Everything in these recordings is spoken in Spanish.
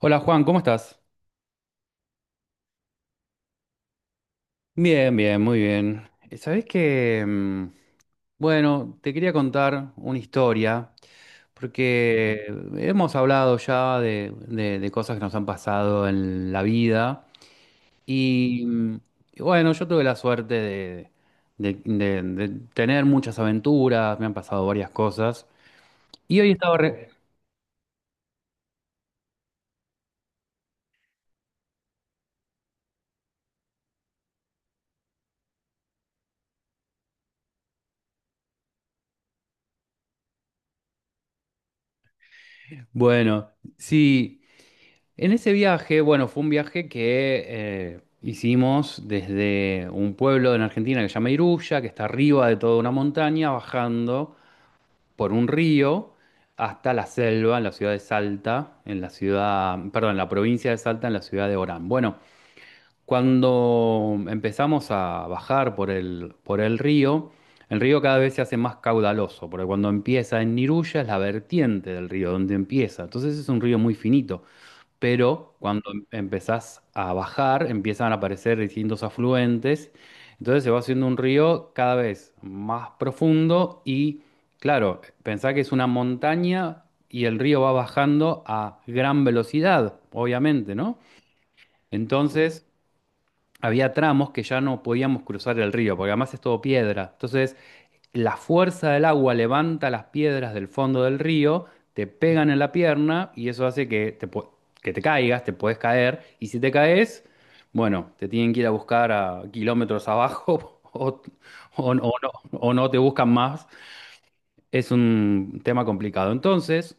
Hola Juan, ¿cómo estás? Bien, bien, muy bien. Sabés que, bueno, te quería contar una historia, porque hemos hablado ya de cosas que nos han pasado en la vida y, y bueno, yo tuve la suerte de tener muchas aventuras, me han pasado varias cosas y hoy Bueno, sí. En ese viaje, bueno, fue un viaje que hicimos desde un pueblo en Argentina que se llama Iruya, que está arriba de toda una montaña, bajando por un río hasta la selva, en la ciudad de Salta, en la ciudad, perdón, en la provincia de Salta, en la ciudad de Orán. Bueno, cuando empezamos a bajar por el río, el río cada vez se hace más caudaloso, porque cuando empieza en Iruya es la vertiente del río, donde empieza. Entonces es un río muy finito pero cuando empezás a bajar empiezan a aparecer distintos afluentes, entonces se va haciendo un río cada vez más profundo y claro, pensá que es una montaña y el río va bajando a gran velocidad, obviamente, ¿no? Entonces había tramos que ya no podíamos cruzar el río, porque además es todo piedra. Entonces la fuerza del agua levanta las piedras del fondo del río, te pegan en la pierna y eso hace que que te caigas, te puedes caer. Y si te caes, bueno, te tienen que ir a buscar a kilómetros abajo o no, o no te buscan más. Es un tema complicado. Entonces,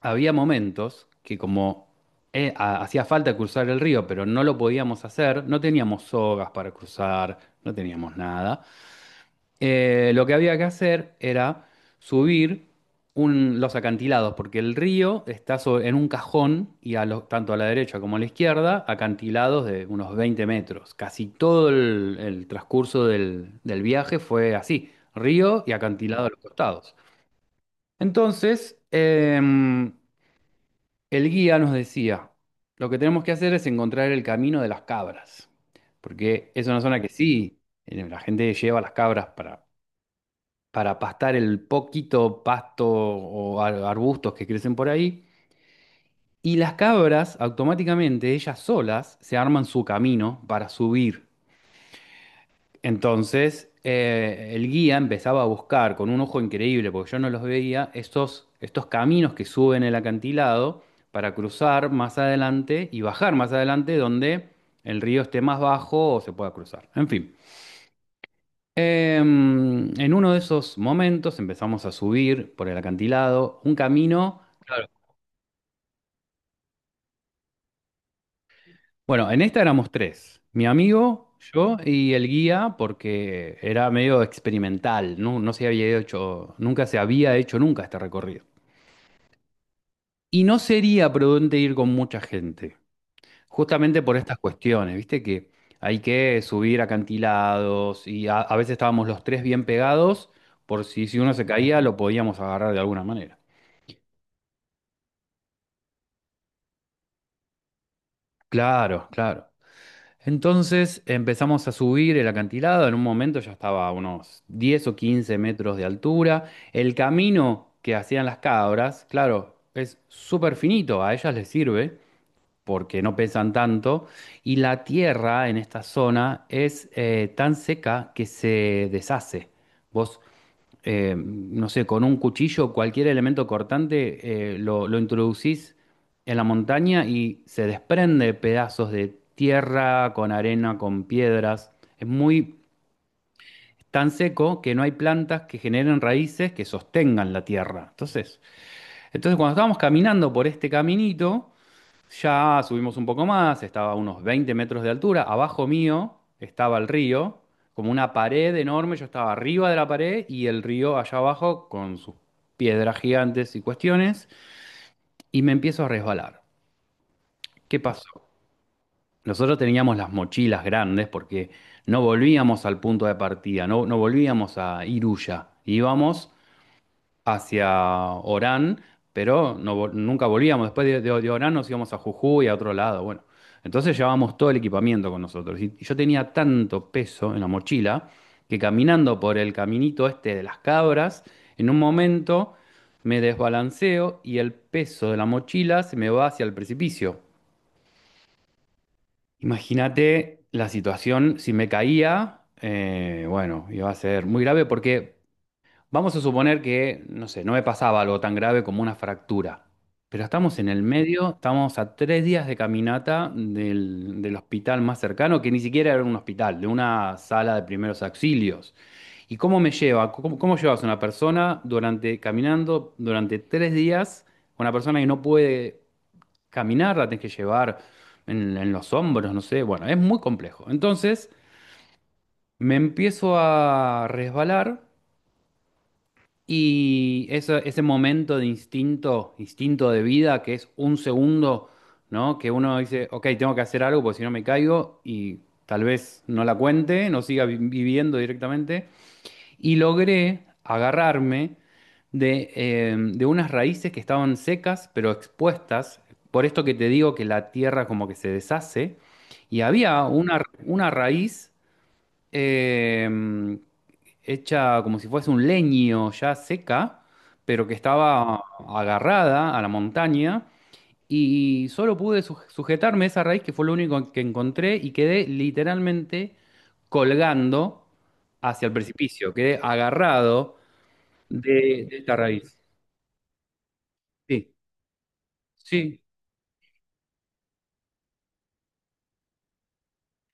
había momentos que como hacía falta cruzar el río, pero no lo podíamos hacer, no teníamos sogas para cruzar, no teníamos nada. Lo que había que hacer era subir los acantilados, porque el río está en un cajón y tanto a la derecha como a la izquierda, acantilados de unos 20 metros. Casi todo el transcurso del viaje fue así, río y acantilado a los costados. Entonces, el guía nos decía, lo que tenemos que hacer es encontrar el camino de las cabras, porque es una zona que sí, la gente lleva las cabras para pastar el poquito pasto o arbustos que crecen por ahí. Y las cabras automáticamente, ellas solas, se arman su camino para subir. Entonces, el guía empezaba a buscar con un ojo increíble, porque yo no los veía, estos caminos que suben el acantilado para cruzar más adelante y bajar más adelante donde el río esté más bajo o se pueda cruzar. En fin. En uno de esos momentos empezamos a subir por el acantilado, un camino. Claro. Bueno, en esta éramos tres, mi amigo, yo y el guía, porque era medio experimental, no, no se había hecho, nunca se había hecho nunca este recorrido. Y no sería prudente ir con mucha gente, justamente por estas cuestiones, viste que hay que subir acantilados y a veces estábamos los tres bien pegados, por si, si uno se caía lo podíamos agarrar de alguna manera. Claro, claro. Entonces empezamos a subir el acantilado, en un momento ya estaba a unos 10 o 15 metros de altura. El camino que hacían las cabras, claro, es súper finito, a ellas les sirve porque no pesan tanto. Y la tierra en esta zona es tan seca que se deshace. Vos no sé, con un cuchillo, cualquier elemento cortante, lo introducís en la montaña y se desprende pedazos de tierra, con arena, con piedras. Es muy tan seco que no hay plantas que generen raíces que sostengan la tierra. Entonces, cuando estábamos caminando por este caminito, ya subimos un poco más, estaba a unos 20 metros de altura. Abajo mío estaba el río, como una pared enorme. Yo estaba arriba de la pared y el río allá abajo con sus piedras gigantes y cuestiones. Y me empiezo a resbalar. ¿Qué pasó? Nosotros teníamos las mochilas grandes porque no volvíamos al punto de partida, no, no volvíamos a Iruya. Íbamos hacia Orán, pero nunca volvíamos. Después de Orán nos íbamos a Jujuy, a otro lado. Bueno, entonces llevábamos todo el equipamiento con nosotros. Y yo tenía tanto peso en la mochila que caminando por el caminito este de las cabras, en un momento me desbalanceo y el peso de la mochila se me va hacia el precipicio. Imagínate la situación, si me caía, bueno, iba a ser muy grave porque vamos a suponer que, no sé, no me pasaba algo tan grave como una fractura, pero estamos en el medio, estamos a 3 días de caminata del hospital más cercano, que ni siquiera era un hospital, de una sala de primeros auxilios. ¿Y cómo me lleva? Cómo llevas a una persona durante, caminando durante 3 días, una persona que no puede caminar, la tenés que llevar en los hombros, no sé, bueno, es muy complejo. Entonces, me empiezo a resbalar. Y ese momento de instinto, instinto de vida, que es un segundo, ¿no? Que uno dice, ok, tengo que hacer algo porque si no me caigo y tal vez no la cuente, no viviendo directamente. Y logré agarrarme de unas raíces que estaban secas pero expuestas. Por esto que te digo que la tierra como que se deshace. Y había una raíz. eh, Hecha como si fuese un leño ya seca, pero que estaba agarrada a la montaña. Y solo pude sujetarme esa raíz, que fue lo único que encontré, y quedé literalmente colgando hacia el precipicio. Quedé agarrado de esta raíz. Sí, sí,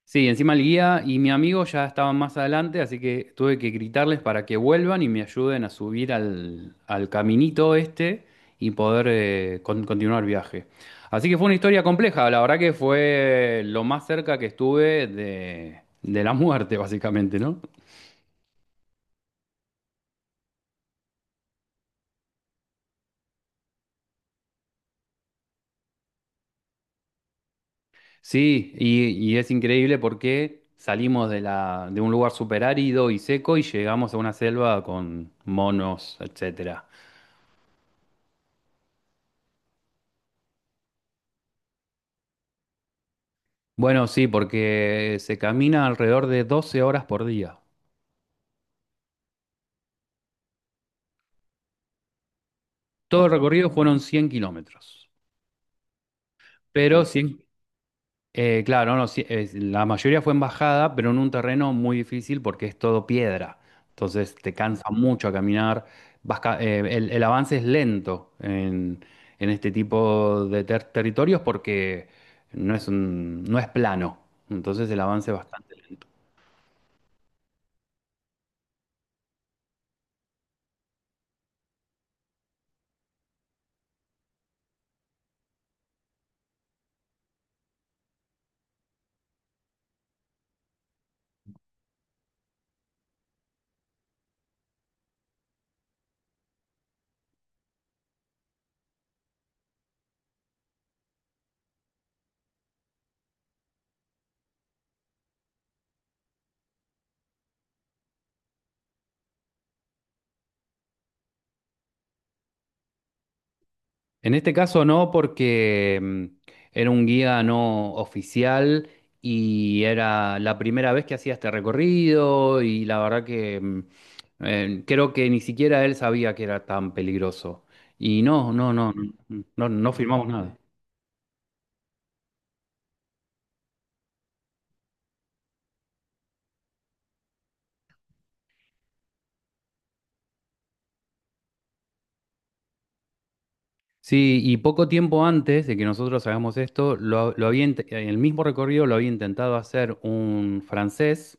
sí, encima el guía y mi amigo ya estaban más adelante, así que tuve que gritarles para que vuelvan y me ayuden a subir al caminito este y poder continuar el viaje. Así que fue una historia compleja, la verdad que fue lo más cerca que estuve de la muerte, básicamente, ¿no? Sí, y es increíble porque salimos de la, de un lugar súper árido y seco y llegamos a una selva con monos, etcétera. Bueno, sí, porque se camina alrededor de 12 horas por día. Todo el recorrido fueron 100 kilómetros. Pero 100, claro, no, sí, la mayoría fue en bajada, pero en un terreno muy difícil porque es todo piedra. Entonces te cansa mucho a caminar. El avance es lento en este tipo de territorios porque no es plano. Entonces el avance es bastante lento. En este caso no, porque era un guía no oficial y era la primera vez que hacía este recorrido y la verdad que creo que ni siquiera él sabía que era tan peligroso. Y no, no, no, no, no, no firmamos nada. Sí, y poco tiempo antes de que nosotros hagamos esto, en el mismo recorrido lo había intentado hacer un francés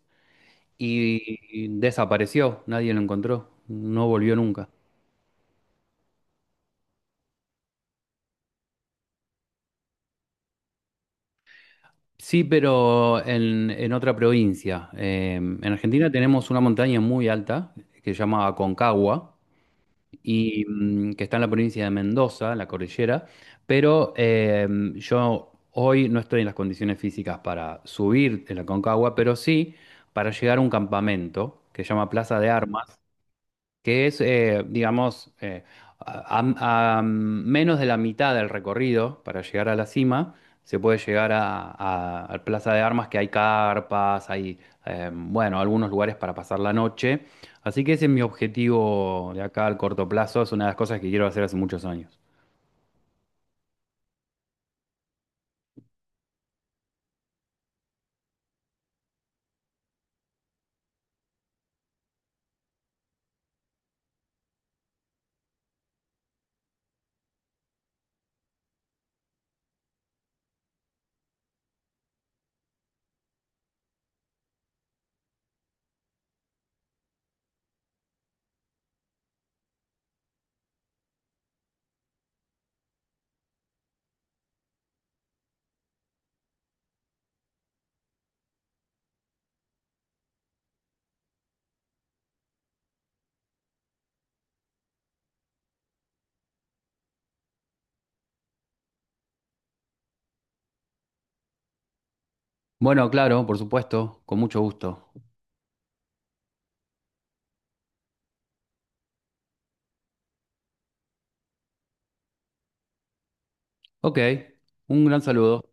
y desapareció, nadie lo encontró, no volvió nunca. Sí, pero en otra provincia. En Argentina tenemos una montaña muy alta que se llama Aconcagua y que está en la provincia de Mendoza, en la cordillera, pero yo hoy no estoy en las condiciones físicas para subir en la Aconcagua, pero sí para llegar a un campamento que se llama Plaza de Armas, que es, digamos, a menos de la mitad del recorrido para llegar a la cima, se puede llegar a Plaza de Armas, que hay carpas, hay, bueno, algunos lugares para pasar la noche. Así que ese es mi objetivo de acá al corto plazo, es una de las cosas que quiero hacer hace muchos años. Bueno, claro, por supuesto, con mucho gusto. Ok, un gran saludo.